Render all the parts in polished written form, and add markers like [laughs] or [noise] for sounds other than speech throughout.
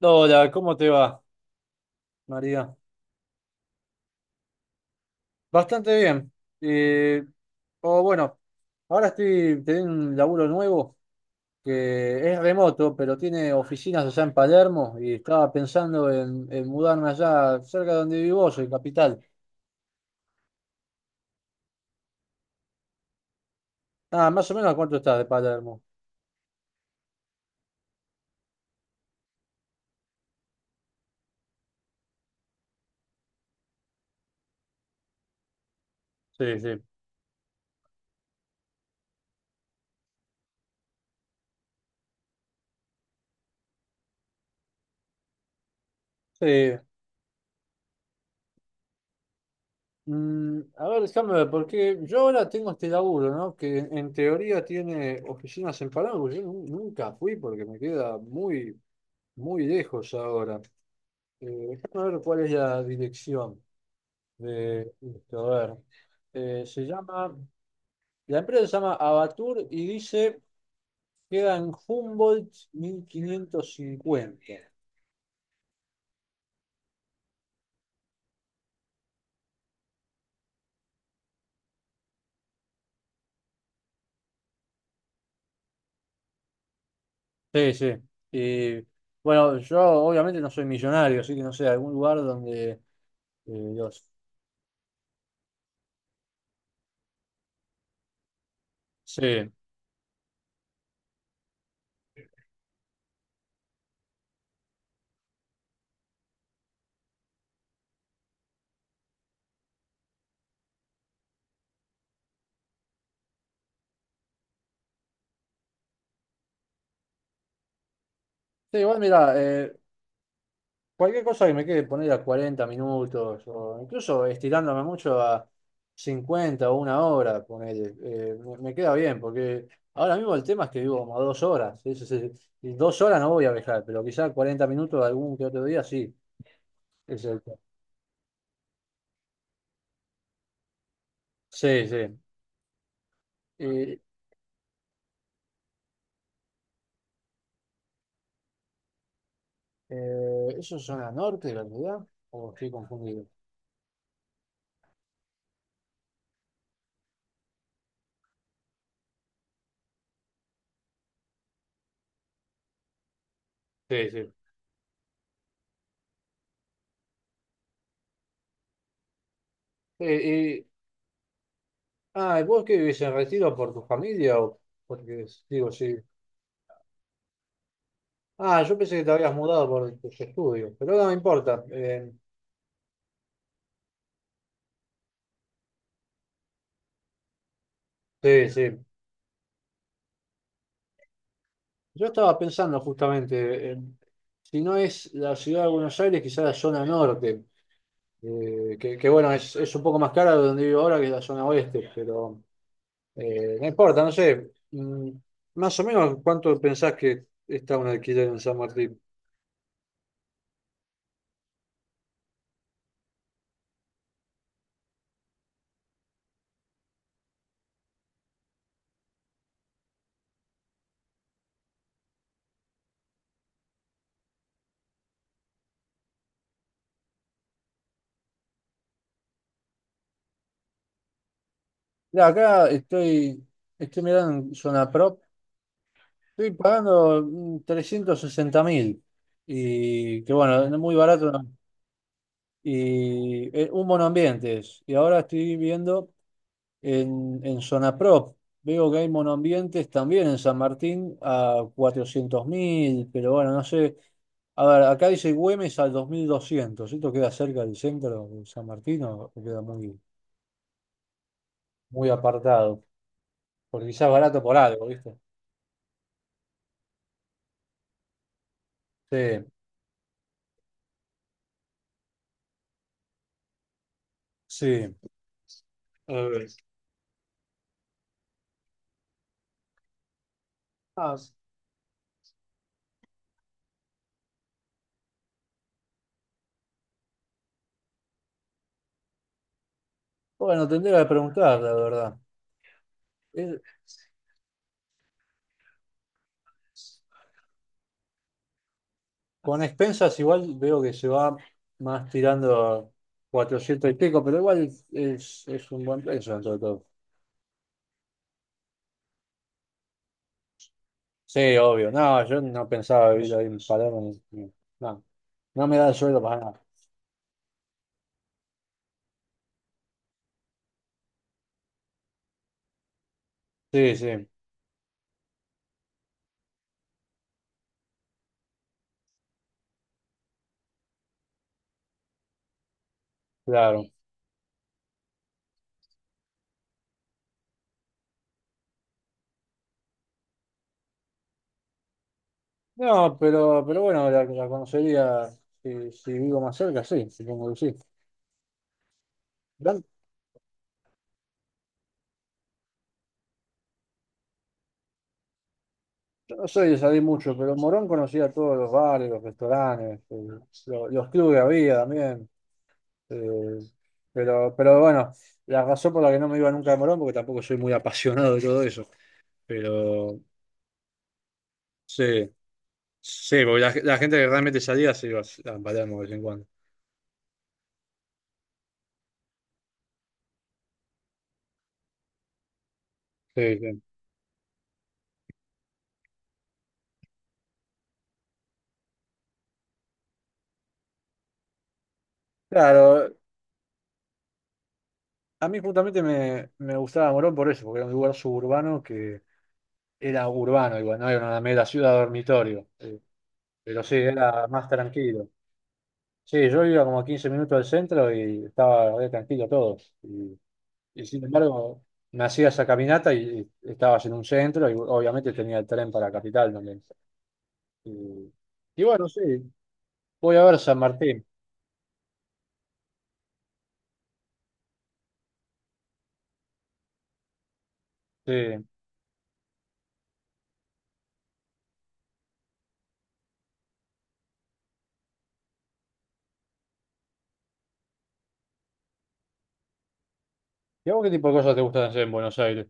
Hola, ¿cómo te va, María? Bastante bien. Eh, o bueno, ahora estoy teniendo un laburo nuevo que es remoto, pero tiene oficinas allá en Palermo y estaba pensando en mudarme allá cerca de donde vivo, yo, en Capital. Ah, ¿más o menos a cuánto estás de Palermo? Sí, sí. Sí. A ver, déjame ver, porque yo ahora tengo este laburo, ¿no? Que en teoría tiene oficinas en Palermo. Yo nunca fui porque me queda muy, muy lejos ahora. Déjame ver cuál es la dirección de esto. A ver. Eh, se llama, la empresa se llama Abatur y dice queda en Humboldt 1550. Sí, sí. Y bueno, yo obviamente no soy millonario, así que no sé, algún lugar donde eh, los- Sí. Sí, igual mira, cualquier cosa que me quede poner a 40 minutos o incluso estirándome mucho a 50 o una hora, ponele, me queda bien porque ahora mismo el tema es que vivo como a 2 horas. Y 2 horas no voy a viajar, pero quizás 40 minutos algún que otro día sí. es el- sí, sí. Y, ¿eso es zona norte, la verdad? ¿O estoy confundido? Sí, sí. Eh, y- ¿Y vos qué vivís en Retiro por tu familia o porque, digo, si... Ah, yo pensé que te habías mudado por tus estudios, pero no me importa. Sí, sí. Yo estaba pensando justamente, si no es la ciudad de Buenos Aires, quizás la zona norte, que bueno, es un poco más cara de donde vivo ahora que la zona oeste, pero no importa, no sé. Más o menos, ¿cuánto pensás que está un alquiler en San Martín? Mira, acá estoy mirando en Zona Prop. Estoy pagando 360.000. Y que bueno, es muy barato, ¿no? Y un monoambiente es. Y ahora estoy viendo en Zona Prop. Veo que hay monoambientes también en San Martín a 400.000. Pero bueno, no sé. A ver, acá dice Güemes al 2200. ¿Esto queda cerca del centro de San Martín o queda muy, muy apartado? Porque quizás barato por algo, ¿viste? Sí, sí. A ver. Ah, bueno, tendría que preguntar, la verdad. Eh, Con expensas igual veo que se va más tirando a 400 y pico, pero igual es un buen precio dentro de todo. Sí, obvio. No, yo no pensaba vivir ahí en Palermo. No, no me da el sueldo para nada. Sí, sí, claro. No, pero bueno, la conocería si vivo más cerca, sí, supongo que sí. Yo no soy de salir mucho, pero en Morón conocía todos los bares, los restaurantes, los clubes que había también. Eh, pero bueno, la razón por la que no me iba nunca a Morón, porque tampoco soy muy apasionado de todo eso. Pero sí, sí, porque la gente que realmente salía se iba a Palermo de vez en cuando. Sí, sí. Claro, a mí justamente me gustaba Morón por eso, porque era un lugar suburbano que era urbano, igual, no era una mera ciudad dormitorio. Pero sí, era más tranquilo. Sí, yo iba como a 15 minutos del centro y estaba re tranquilo todo. Y Y sin embargo, me hacía esa caminata y estabas en un centro y obviamente tenía el tren para Capital también. Y, y bueno, sí, voy a ver San Martín. Sí. ¿Y a vos qué tipo de cosas te gustan hacer en Buenos Aires?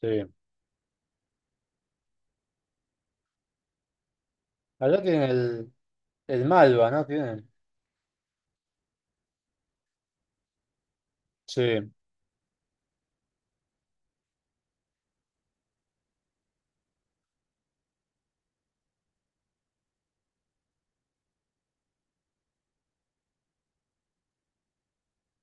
Sí. Allá tienen el Malva, ¿no? Tienen. Sí,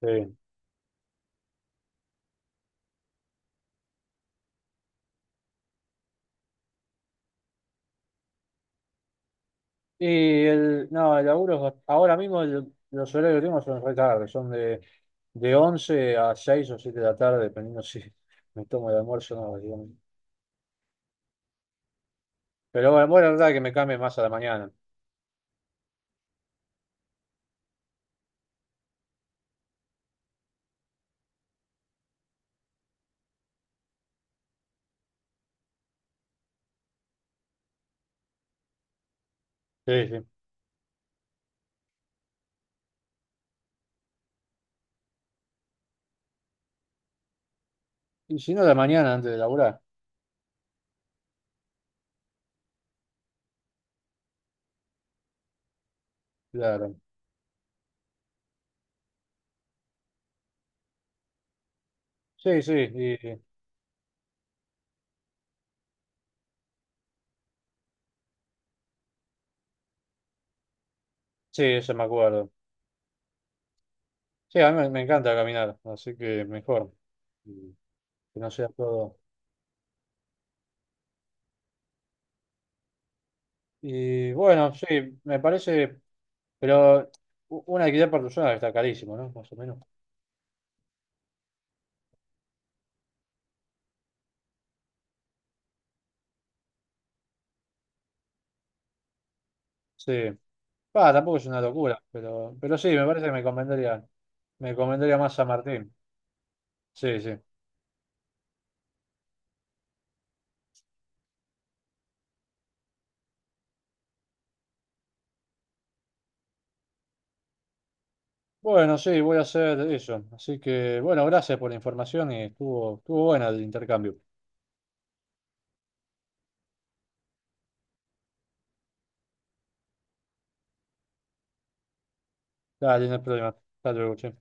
sí. Y el, no, el laburo, ahora mismo los horarios que tengo son re tarde, son de 11 a 6 o 7 de la tarde, dependiendo [laughs] si me tomo el almuerzo o no, digamos. Pero bueno, bueno, la verdad que me cambie más a la mañana. Sí, sí. Y si no, la mañana antes de laburar, claro. Sí, sí, sí, eso me acuerdo. Sí, a mí me encanta caminar, así que mejor y que no sea todo. Y bueno, sí, me parece, pero un alquiler por persona está carísimo, ¿no? Más o menos. Sí. Va, tampoco es una locura, pero sí, me parece que me convendría más San Martín. Sí, sí. Bueno, sí, voy a hacer eso. Así que, bueno, gracias por la información y estuvo buena el intercambio. Dale, no hay problema. Hasta luego, che.